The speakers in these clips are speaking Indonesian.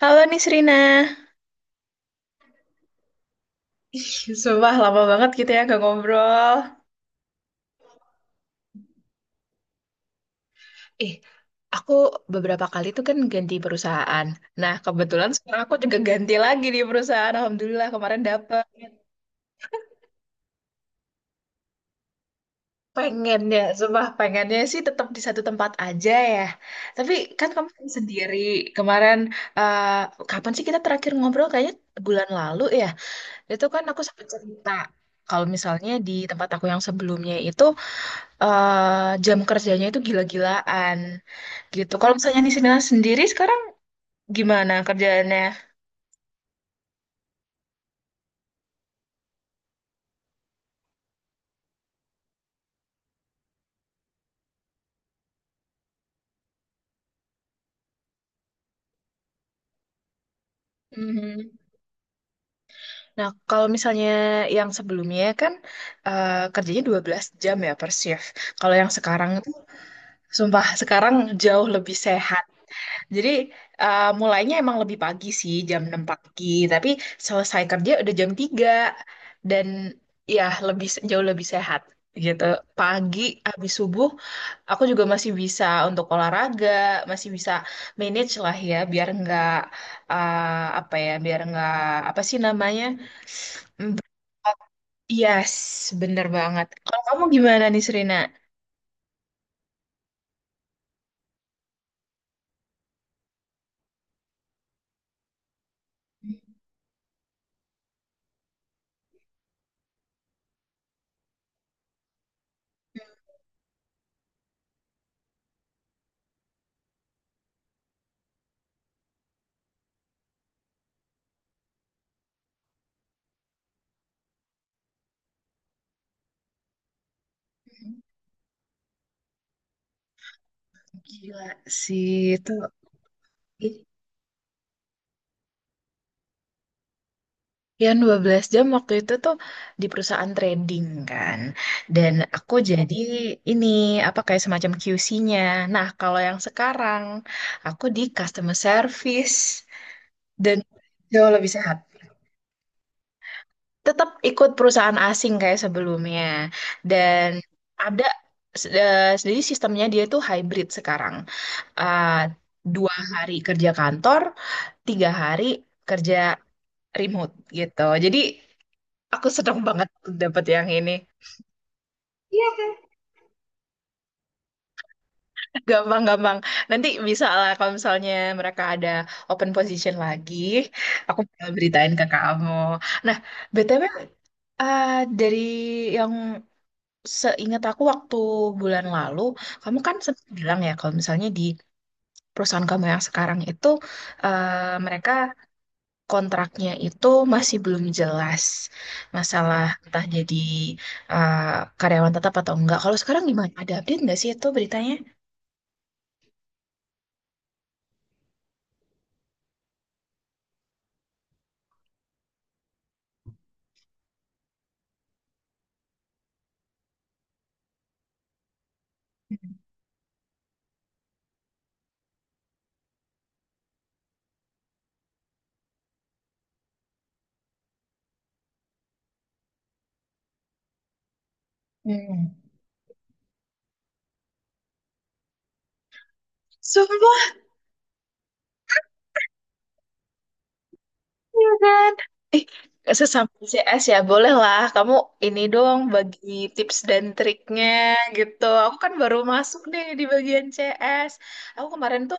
Halo Nisrina. Ih, Sumpah lama banget gitu ya gak ngobrol. Eh, aku beberapa kali tuh kan ganti perusahaan. Nah, kebetulan sekarang aku juga ganti lagi di perusahaan. Alhamdulillah kemarin dapet. Pengennya, sumpah pengennya sih tetap di satu tempat aja ya. Tapi kan kamu sendiri kemarin, eh, kapan sih kita terakhir ngobrol? Kayaknya bulan lalu ya. Itu kan aku sempat cerita. Kalau misalnya di tempat aku yang sebelumnya itu jam kerjanya itu gila-gilaan gitu. Kalau misalnya Nisina sendiri sekarang gimana kerjaannya? Mhm. Nah, kalau misalnya yang sebelumnya kan kerjanya 12 jam ya per shift. Kalau yang sekarang itu sumpah sekarang jauh lebih sehat. Jadi mulainya emang lebih pagi sih jam 6 pagi, tapi selesai kerja udah jam 3 dan ya lebih jauh lebih sehat gitu. Pagi habis subuh aku juga masih bisa untuk olahraga, masih bisa manage lah ya biar nggak eh, apa ya, biar nggak apa sih namanya? Mm, Yes, bener banget. Kalau kamu gimana nih Serena? Hmm, gila sih itu. Yang 12 jam waktu itu tuh di perusahaan trading kan. Dan aku jadi ini apa kayak semacam QC-nya. Nah, kalau yang sekarang aku di customer service dan jauh lebih sehat. Tetap ikut perusahaan asing kayak sebelumnya. Dan ada s- eh, jadi sistemnya dia tuh hybrid sekarang. Eh, 2 hari kerja kantor, 3 hari kerja remote gitu. Jadi aku seneng banget dapat yang ini. Iya kan? Gampang-gampang. Nanti bisa lah kalau misalnya mereka ada open position lagi, aku bakal beritain ke kamu. Nah, BTW eh, dari yang seingat aku waktu bulan lalu, kamu kan sempat bilang ya kalau misalnya di perusahaan kamu yang sekarang itu mereka kontraknya itu masih belum jelas masalah entah jadi eh, karyawan tetap atau enggak. Kalau sekarang gimana? Ada update nggak sih itu beritanya? Hmm. Sumpah, ya kan? Eh, sesama CS ya, boleh lah. Kamu ini dong bagi tips dan triknya gitu. Aku kan baru masuk nih di bagian CS. Aku kemarin tuh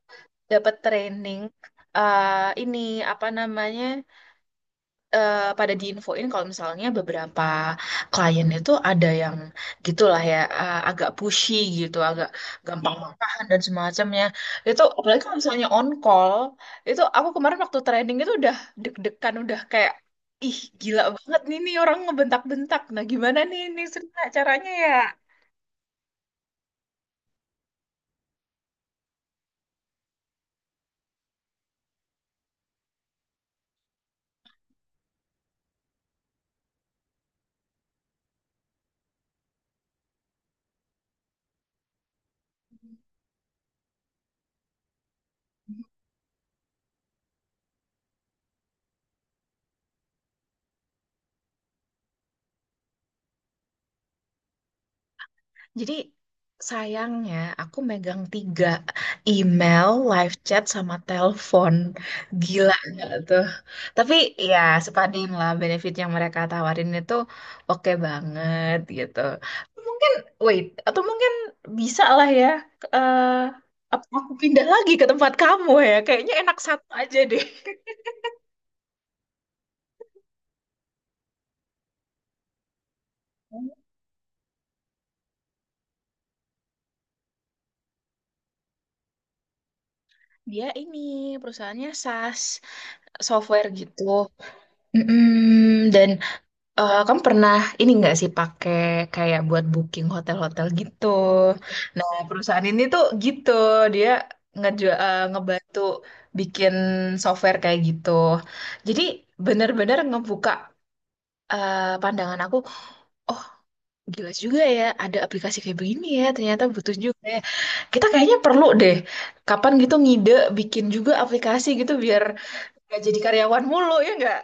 dapat training eh ini apa namanya? Pada diinfoin kalau misalnya beberapa klien itu ada yang gitulah ya agak pushy gitu, agak gampang, hmm, marahan dan semacamnya. Itu apalagi kalau misalnya on call, itu aku kemarin waktu training itu udah deg-degan, udah kayak ih gila banget nih nih orang ngebentak-bentak. Nah, gimana nih ini caranya ya? Jadi sayangnya aku megang 3 email, live chat, sama telepon. Gila nggak tuh? Tapi ya sepadin lah benefit yang mereka tawarin itu oke banget gitu. Mungkin wait atau mungkin bisa lah ya. eh, Apa aku pindah lagi ke tempat kamu ya? Kayaknya enak satu aja deh. Dia ini perusahaannya SaaS software gitu. Mm-mm, dan eh, kamu pernah ini nggak sih pakai kayak buat booking hotel-hotel gitu? Nah, perusahaan ini tuh gitu, dia ngebantu bikin software kayak gitu. Jadi bener-bener ngebuka pandangan aku, oh gila juga ya, ada aplikasi kayak begini ya, ternyata butuh juga ya. Kita kayaknya perlu deh, kapan gitu ngide bikin juga aplikasi gitu biar nggak jadi karyawan mulu ya nggak?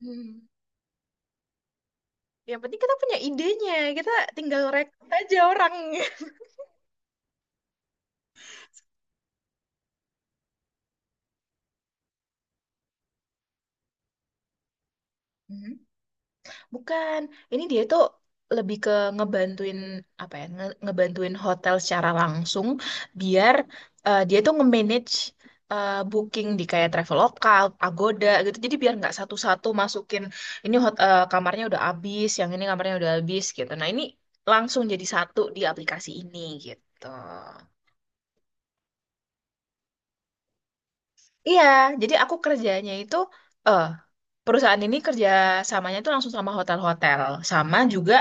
Hmm. Yang penting kita punya idenya, kita tinggal rekrut aja orang. Mhm. Bukan, ini dia tuh lebih ke ngebantuin apa ya, ngebantuin hotel secara langsung biar dia tuh nge-manage booking di kayak Traveloka, Agoda gitu. Jadi biar nggak satu-satu masukin kamarnya udah habis, yang ini kamarnya udah habis gitu. Nah, ini langsung jadi satu di aplikasi ini gitu. Iya, jadi aku kerjanya itu eh perusahaan ini kerja samanya itu langsung sama hotel-hotel, sama juga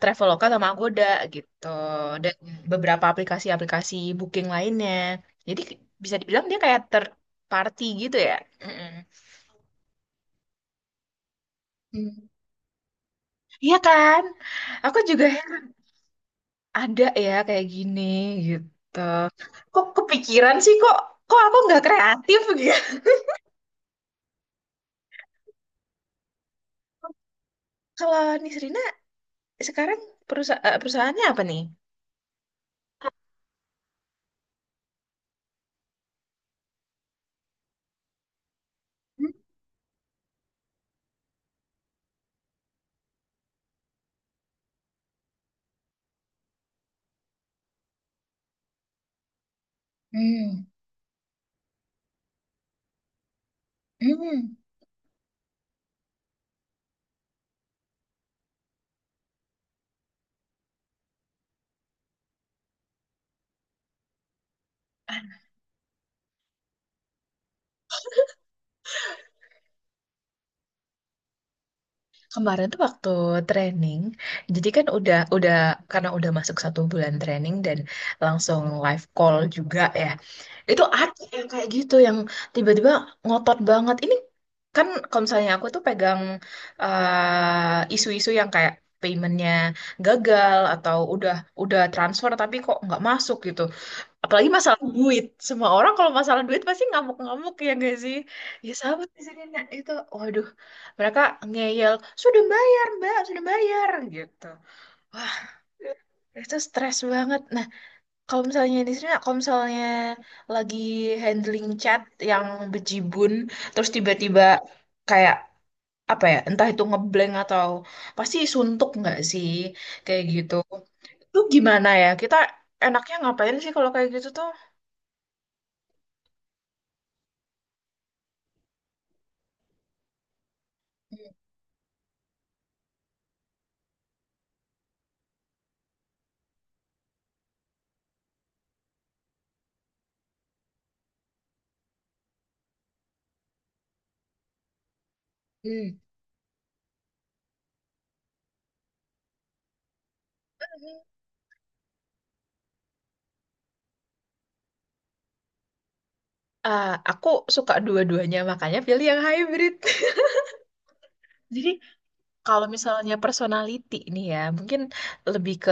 Traveloka sama Agoda gitu. Dan beberapa aplikasi-aplikasi booking lainnya. Jadi bisa dibilang dia kayak third party gitu ya. Mm-mm. Hmm. Iya kan? Aku juga ada ya kayak gini gitu. Kok kepikiran sih kok kok aku nggak kreatif gitu. Kalau Nisrina sekarang perusahaannya apa nih? Hmm. Hmm. Kemarin tuh waktu training, jadi kan udah karena udah masuk 1 bulan training dan langsung live call juga ya. Itu ada yang kayak gitu yang tiba-tiba ngotot banget. Ini kan kalau misalnya aku tuh pegang isu-isu yang kayak paymentnya gagal atau udah transfer tapi kok nggak masuk gitu. Apalagi masalah duit. Semua orang kalau masalah duit pasti ngamuk-ngamuk ya gak sih? Ya sama di sini Nak. Itu. Waduh, mereka ngeyel, "Sudah bayar, Mbak, sudah bayar." gitu. Wah, itu stres banget. Nah, kalau misalnya di sini, kalau misalnya lagi handling chat yang bejibun, terus tiba-tiba kayak apa ya, entah itu ngeblank atau pasti suntuk nggak sih, kayak gitu. Itu gimana ya? Kita enaknya ngapain sih kalau kayak gitu tuh? Hmm. Ah, aku suka dua-duanya, makanya pilih yang hybrid. Jadi kalau misalnya personality nih ya, mungkin lebih ke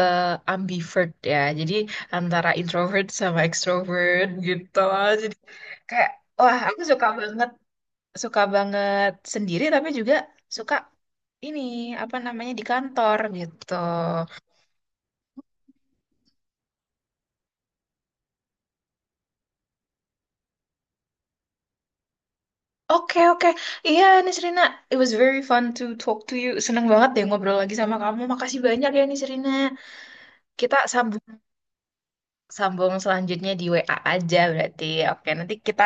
ambivert ya. Jadi antara introvert sama extrovert gitu. Jadi kayak, wah aku suka banget sendiri tapi juga suka ini, apa namanya, di kantor gitu. Oke, oke. Iya, Nisrina, it was very fun to talk to you. Seneng banget deh ngobrol lagi sama kamu. Makasih banyak ya, Nisrina. Kita sambung sambung selanjutnya di WA aja berarti. Oke, nanti kita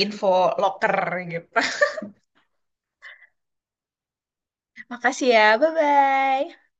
info loker gitu. Makasih ya. Bye-bye.